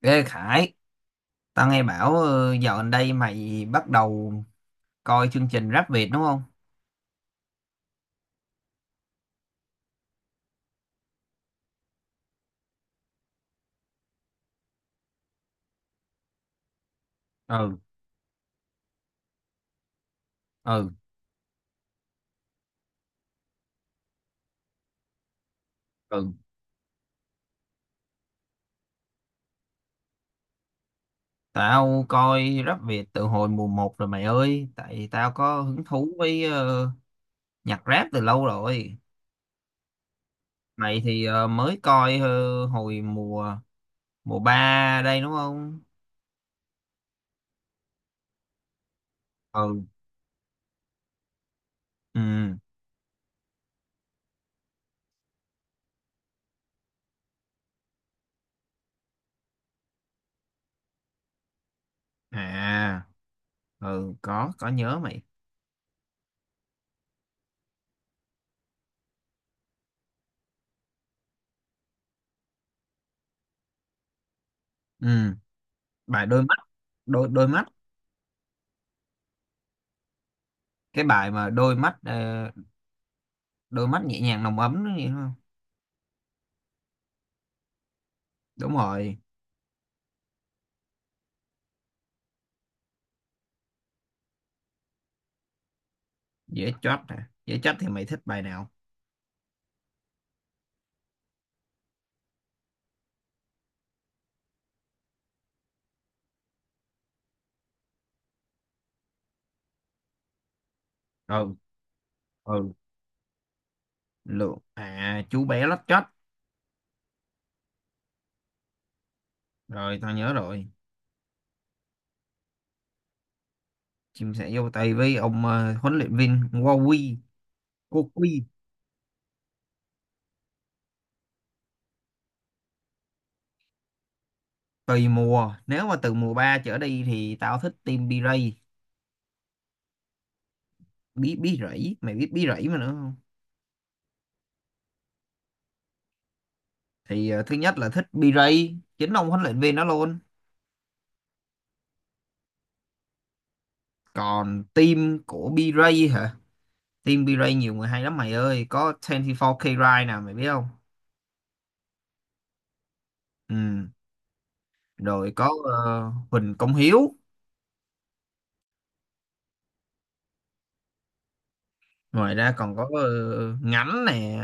Ê Khải, tao nghe bảo dạo gần đây mày bắt đầu coi chương trình Rap Việt đúng không? Ừ, ừ, ừ. Tao coi Rap Việt từ hồi mùa một rồi mày ơi, tại tao có hứng thú với nhạc rap từ lâu rồi. Mày thì mới coi hồi mùa mùa 3 đây đúng không? Ừ, ừ. À, ừ, có nhớ mày. Ừ, bài đôi mắt, đôi đôi mắt, cái bài mà đôi mắt đôi mắt nhẹ nhàng nồng ấm đó nhỉ? Đúng rồi, dễ chót nè. Dễ chót thì mày thích bài nào? Ừ, ừ, lượng à, chú bé lót chót. Rồi tao nhớ rồi. Chim sẻ vô tay với ông huấn luyện viên Wowi, cô Quy. Tùy mùa, nếu mà từ mùa 3 trở đi thì tao thích team B-Ray. Bí bí rẫy, mày biết bí rẫy mà nữa không? Thì thứ nhất là thích B-Ray, chính ông huấn luyện viên đó luôn. Còn team của B-Ray hả? Team B-Ray nhiều người hay lắm mày ơi, có 24K Ride nè, mày biết không? Ừ, rồi có Huỳnh Công Hiếu. Ngoài ra còn có Ngánh nè,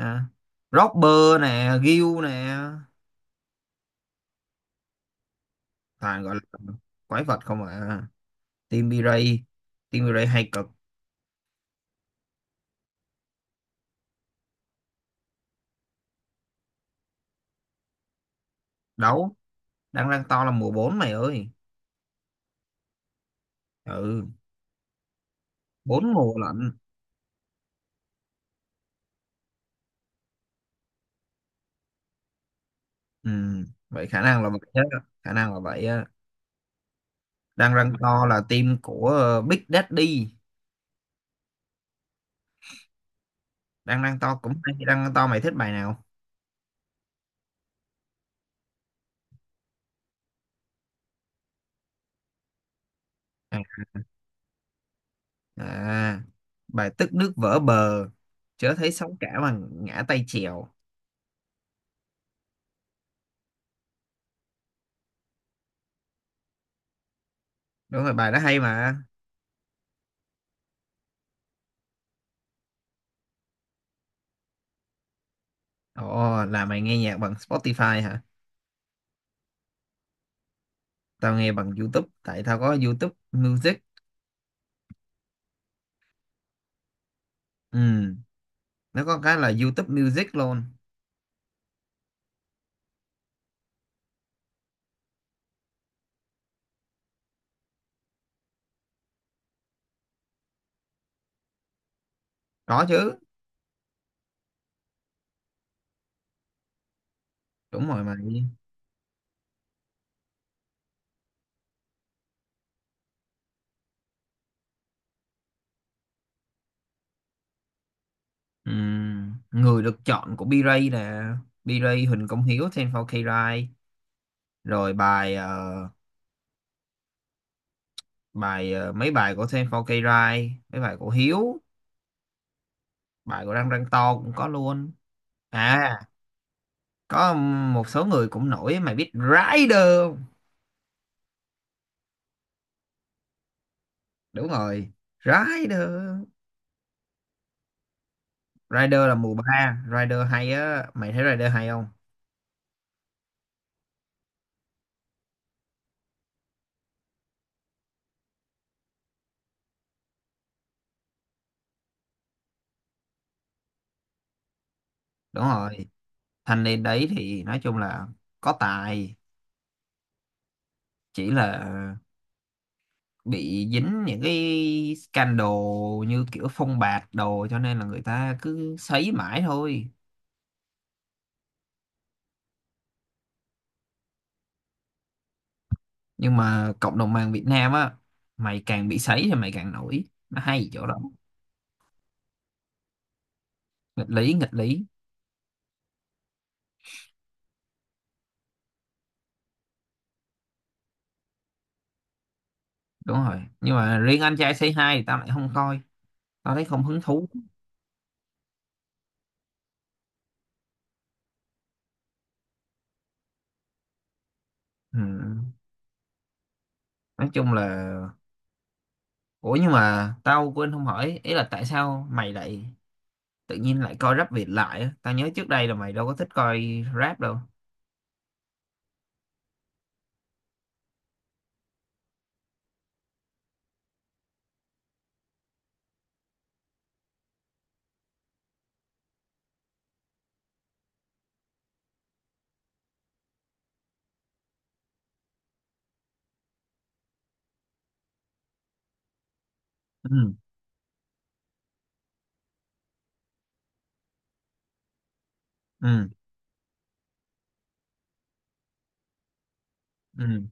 Robber nè, Gil nè. Toàn gọi là quái vật không à. Team B-Ray, Team B-Ray hay cực. Đấu, đang đang to là mùa bốn mày ơi. Ừ, bốn mùa lận. Ừ, vậy khả năng là vậy á, khả năng là vậy á. Đang đang to là team của Big Daddy. Đang đang to cũng hay, đang đang to mày thích bài nào? À, à, bài tức nước vỡ bờ, chớ thấy sóng cả mà ngã tay chèo. Đúng rồi, bài đó hay mà. Ồ, là mày nghe nhạc bằng Spotify hả? Tao nghe bằng YouTube tại tao có YouTube Music. Ừ, nó có cái là YouTube Music luôn. Có chứ. Đúng rồi mày. Ừ. Người được chọn của B-Ray nè, B-Ray, Huỳnh Công Hiếu, 24K Rai, rồi bài bài mấy bài của 24K Rai, mấy bài của Hiếu, bài của Đăng Đăng To cũng có luôn. À, có một số người cũng nổi, mày biết Rider không? Đúng rồi, Rider. Rider là mùa ba, Rider hay á, mày thấy Rider hay không? Đúng rồi, thanh niên đấy thì nói chung là có tài, chỉ là bị dính những cái scandal như kiểu phong bạc đồ, cho nên là người ta cứ sấy mãi thôi. Nhưng mà cộng đồng mạng Việt Nam á, mày càng bị sấy thì mày càng nổi, nó hay chỗ đó. Nghịch lý, nghịch lý. Đúng rồi, nhưng mà riêng anh trai Say Hi thì tao lại không coi, tao thấy không hứng thú. Ừ. Nói chung là, ủa nhưng mà tao quên không hỏi, ý là tại sao mày lại tự nhiên lại coi rap Việt lại á, tao nhớ trước đây là mày đâu có thích coi rap đâu. Ừ, ừ, ừ,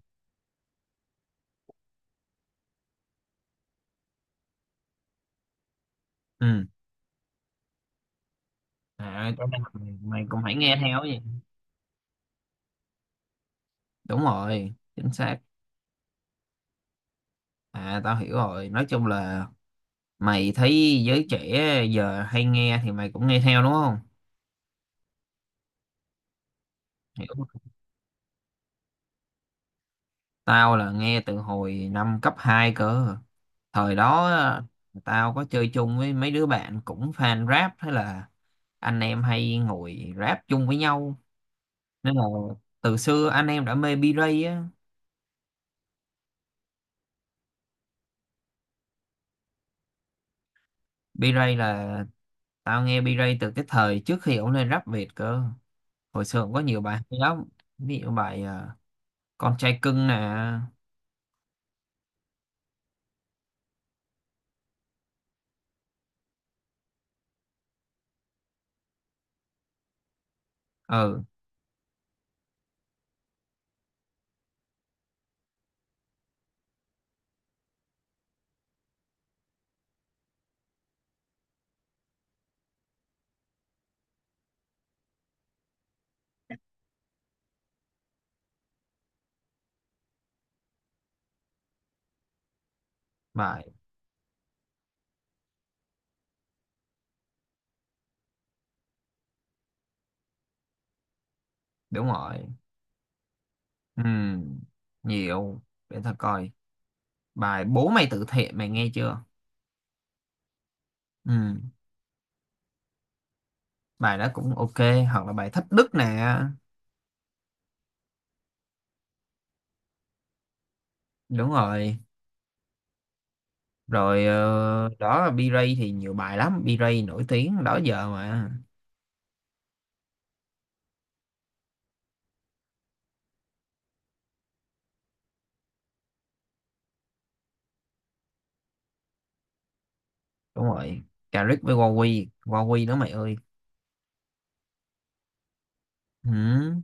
ừ. À cho nên mày, mày cũng phải nghe theo gì. Đúng rồi, chính xác. À tao hiểu rồi, nói chung là mày thấy giới trẻ giờ hay nghe thì mày cũng nghe theo đúng không? Hiểu. Tao là nghe từ hồi năm cấp 2 cơ. Thời đó á, tao có chơi chung với mấy đứa bạn cũng fan rap, thế là anh em hay ngồi rap chung với nhau, nên là từ xưa anh em đã mê B-Ray á. B-Ray là, tao nghe B-Ray từ cái thời trước khi ổng lên rap Việt cơ, hồi xưa cũng có nhiều bài hay lắm. Ví dụ bài con trai cưng nè. Ừ, bài, đúng rồi. Ừ, nhiều, để tao coi. Bài bố mày tự thiện mày nghe chưa? Ừ, bài đó cũng ok. Hoặc là bài thách đức nè. Đúng rồi, rồi đó, B-Ray thì nhiều bài lắm, B-Ray nổi tiếng đó giờ mà. Đúng rồi, Caric với Huawei, Huawei đó mày ơi. Ừ.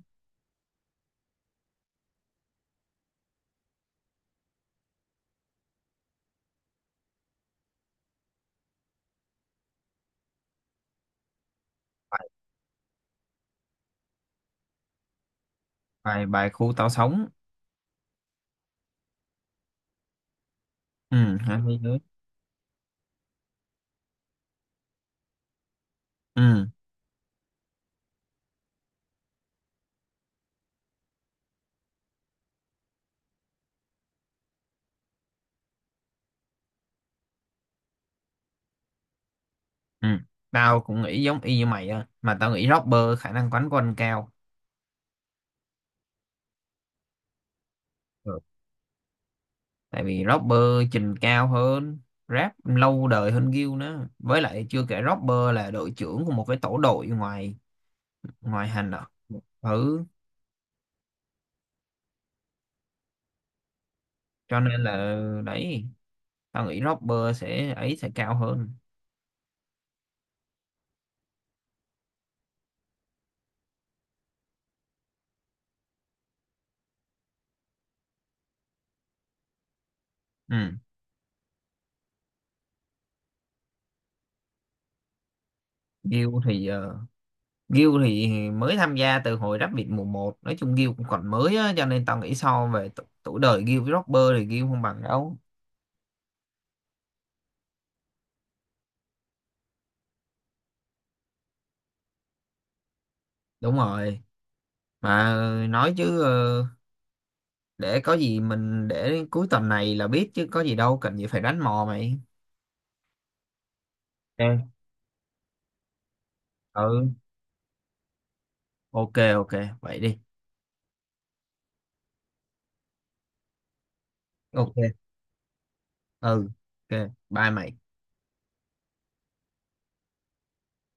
bài, bài bài khu tao sống. Ừ hả, hay nữa. Ừ, ừ, tao cũng nghĩ giống y như mày á, mà tao nghĩ rapper khả năng quánh của anh cao. Ừ. Tại vì rapper trình cao hơn, rap lâu đời hơn Gil nữa, với lại chưa kể rapper là đội trưởng của một cái tổ đội ngoài, ngoài hành à. Ừ. Cho nên là đấy, tao nghĩ Robber sẽ ấy sẽ cao hơn. Ừ. Gil thì uh, Gil thì mới tham gia từ hồi Rabbit mùa một, nói chung Gil cũng còn mới á, cho nên tao nghĩ so về tuổi đời Gil với Robber thì Gil không bằng đâu. Đúng rồi, mà nói chứ để có gì mình để đến cuối tuần này là biết, chứ có gì đâu cần gì phải đánh mò mày. Ok. Ừ, ok, ok, vậy đi. Ok. Ừ, ok, bye mày.